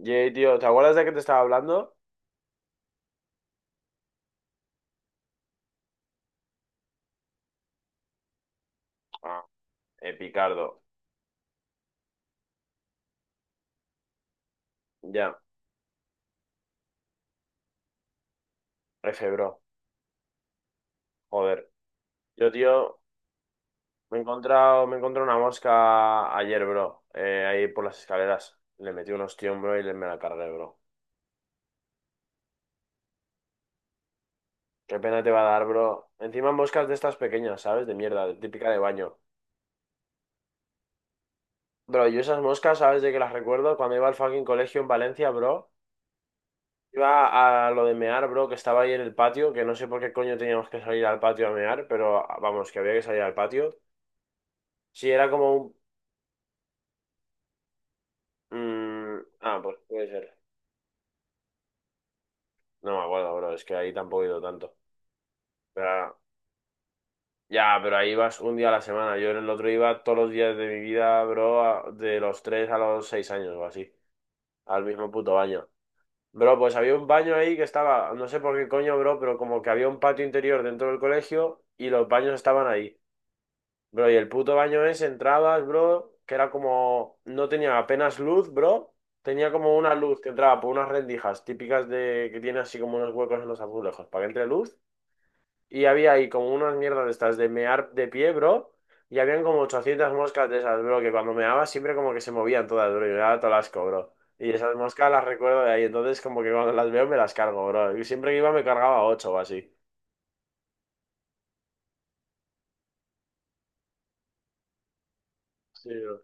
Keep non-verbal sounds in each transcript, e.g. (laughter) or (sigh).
Yay, tío, ¿te acuerdas de que te estaba hablando? Ah, Epicardo. Ya, F, bro. Joder. Yo, tío, me he encontrado una mosca ayer, bro. Ahí por las escaleras. Le metí un ostión, bro, y me la cargué, bro. Qué pena te va a dar, bro. Encima moscas de estas pequeñas, ¿sabes? De mierda, de típica de baño. Bro, yo esas moscas, ¿sabes de que las recuerdo? Cuando iba al fucking colegio en Valencia, bro. Iba a lo de mear, bro, que estaba ahí en el patio, que no sé por qué coño teníamos que salir al patio a mear, pero vamos, que había que salir al patio. Sí, era como un. Pues puede ser. No me acuerdo, bro, es que ahí tampoco he ido tanto. Pero, ya, pero ahí vas un día a la semana. Yo en el otro iba todos los días de mi vida, bro, de los 3 a los 6 años o así, al mismo puto baño. Bro, pues había un baño ahí que estaba, no sé por qué coño, bro, pero como que había un patio interior dentro del colegio y los baños estaban ahí. Bro, y el puto baño ese, entrabas, bro, que era como, no tenía apenas luz, bro. Tenía como una luz que entraba por unas rendijas típicas de que tiene así como unos huecos en los azulejos para que entre luz. Y había ahí como unas mierdas de estas de mear de pie, bro. Y habían como 800 moscas de esas, bro, que cuando meaba siempre como que se movían todas, bro. Y me daba todo el asco, bro. Y esas moscas las recuerdo de ahí. Entonces como que cuando las veo me las cargo, bro. Y siempre que iba me cargaba 8 o así. Sí, bro.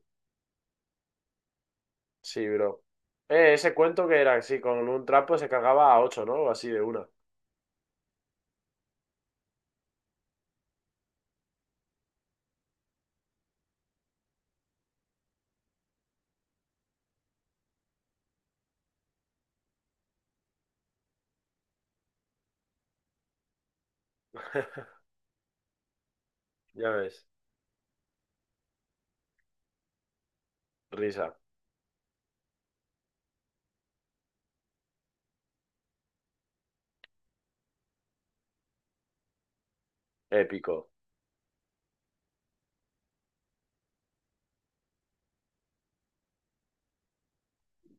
Sí, bro. Ese cuento que era así, con un trapo se cagaba a ocho, ¿no? O así de una. (laughs) Ya ves. Risa. Épico.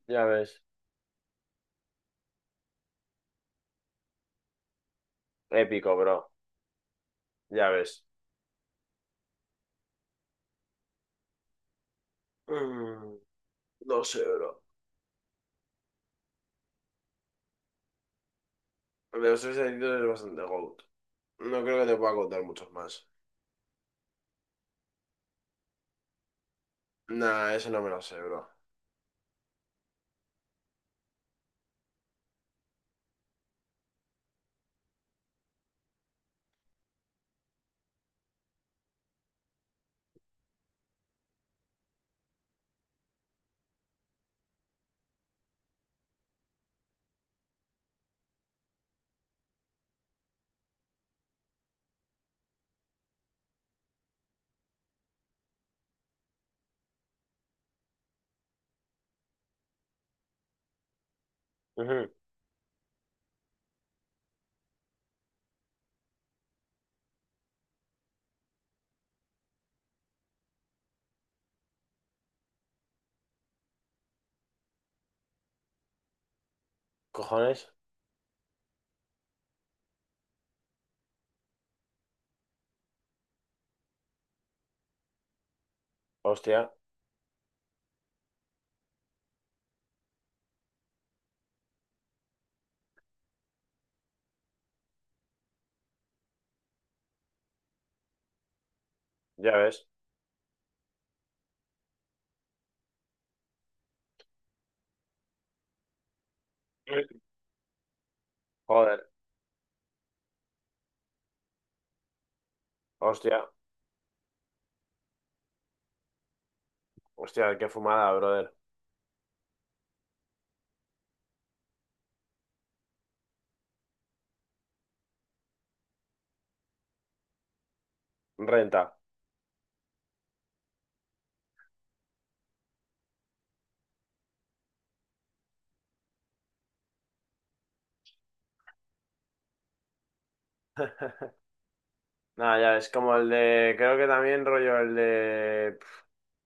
Ya ves. Épico, bro. Ya ves. Mm, no sé, bro. De los tres deditos es bastante goat. No creo que te pueda contar muchos más. Nah, eso no me lo sé, bro. Ujú. ¿Cojones? Hostia. Ya ves. Joder. Hostia. Hostia, qué fumada, brother. Renta. Nada, ya, es como el de. Creo que también, rollo, el de. pf,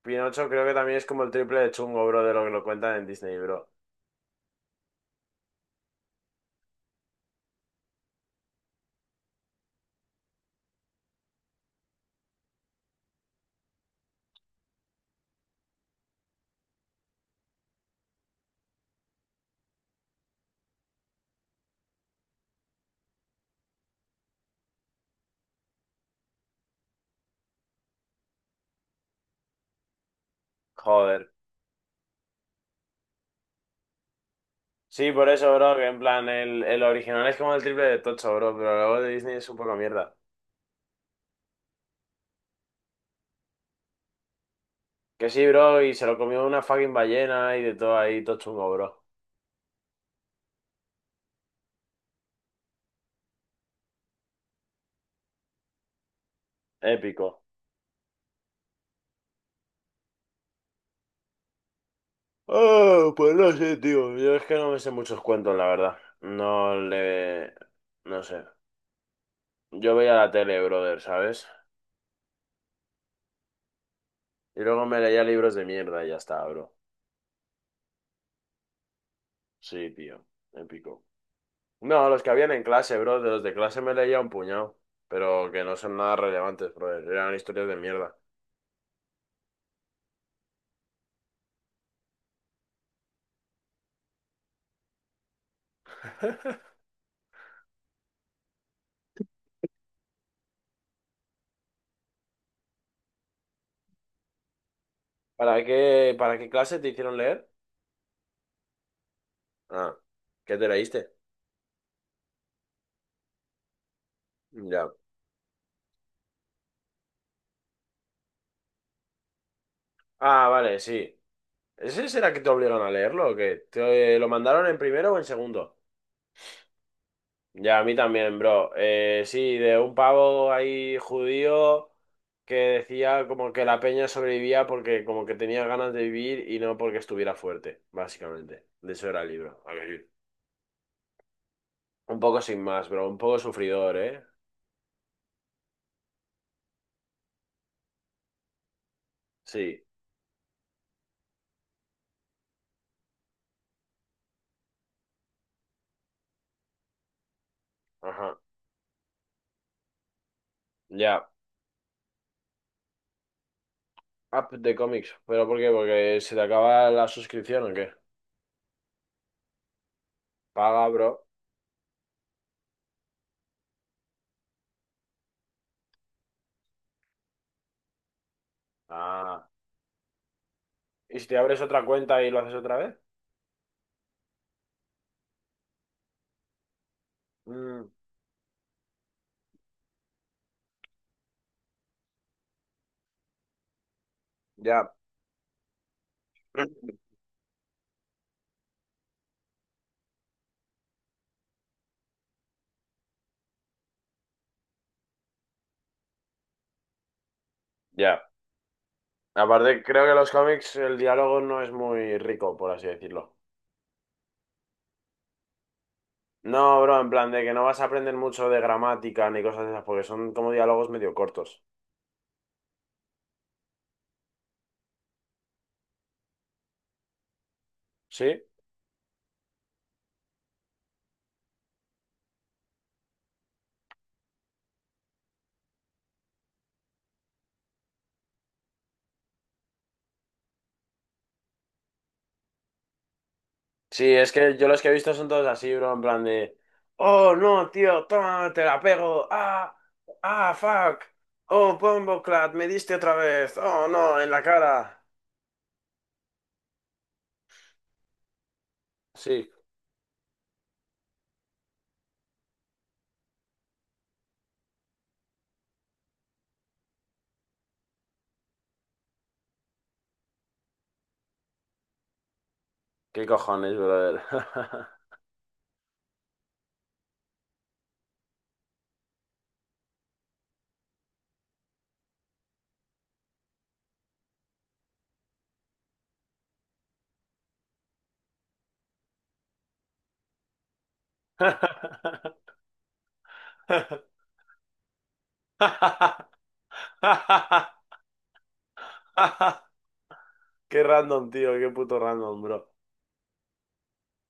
Pinocho, creo que también es como el triple de chungo, bro, de lo que lo cuentan en Disney, bro. Joder. Sí, por eso, bro, que en plan, el original es como el triple de tocho, bro, pero luego de Disney es un poco mierda. Que sí, bro, y se lo comió una fucking ballena y de todo ahí, todo chungo, bro. Épico. Oh, pues no sé, tío. Yo es que no me sé muchos cuentos, la verdad. No le. No sé. Yo veía la tele, brother, ¿sabes? Y luego me leía libros de mierda y ya está, bro. Sí, tío, épico. No, los que habían en clase, bro, de los de clase me leía un puñado, pero que no son nada relevantes, bro, eran historias de mierda. ¿Para qué clase te hicieron leer? Ah, ¿qué te leíste? Ya. Ah, vale, sí. ¿Ese será que te obligaron a leerlo o qué? ¿Te lo mandaron en primero o en segundo? Ya, a mí también, bro. Sí, de un pavo ahí judío que decía como que la peña sobrevivía porque como que tenía ganas de vivir y no porque estuviera fuerte, básicamente. De eso era el libro. A ver, un poco sin más, bro. Un poco sufridor, ¿eh? Sí. Ajá. Ya. App de cómics. ¿Pero por qué? ¿Porque se te acaba la suscripción o qué? Paga, bro. Ah. ¿Y si te abres otra cuenta y lo haces otra vez? Mm, ya. (clears throat) Ya. Aparte, creo que en los cómics el diálogo no es muy rico, por así decirlo. No, bro, en plan de que no vas a aprender mucho de gramática ni cosas de esas, porque son como diálogos medio cortos. ¿Sí? Sí, es que yo los que he visto son todos así, bro, en plan de. Oh, no, tío, toma, te la pego. Fuck. Oh, Bombo Clat, me diste otra vez. Oh, no, en la cara. Sí, qué cojones, brother. (laughs) (laughs) Qué random, tío, qué puto random, bro.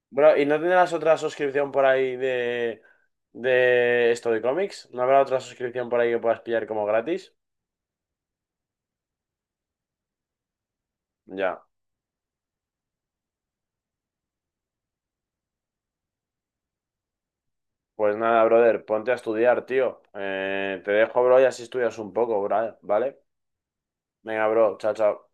Bro, ¿y no tendrás otra suscripción por ahí de esto de cómics? ¿No habrá otra suscripción por ahí que puedas pillar como gratis? Ya. Pues nada, brother, ponte a estudiar, tío. Te dejo, bro, y así estudias un poco, bro, ¿vale? Venga, bro, chao, chao.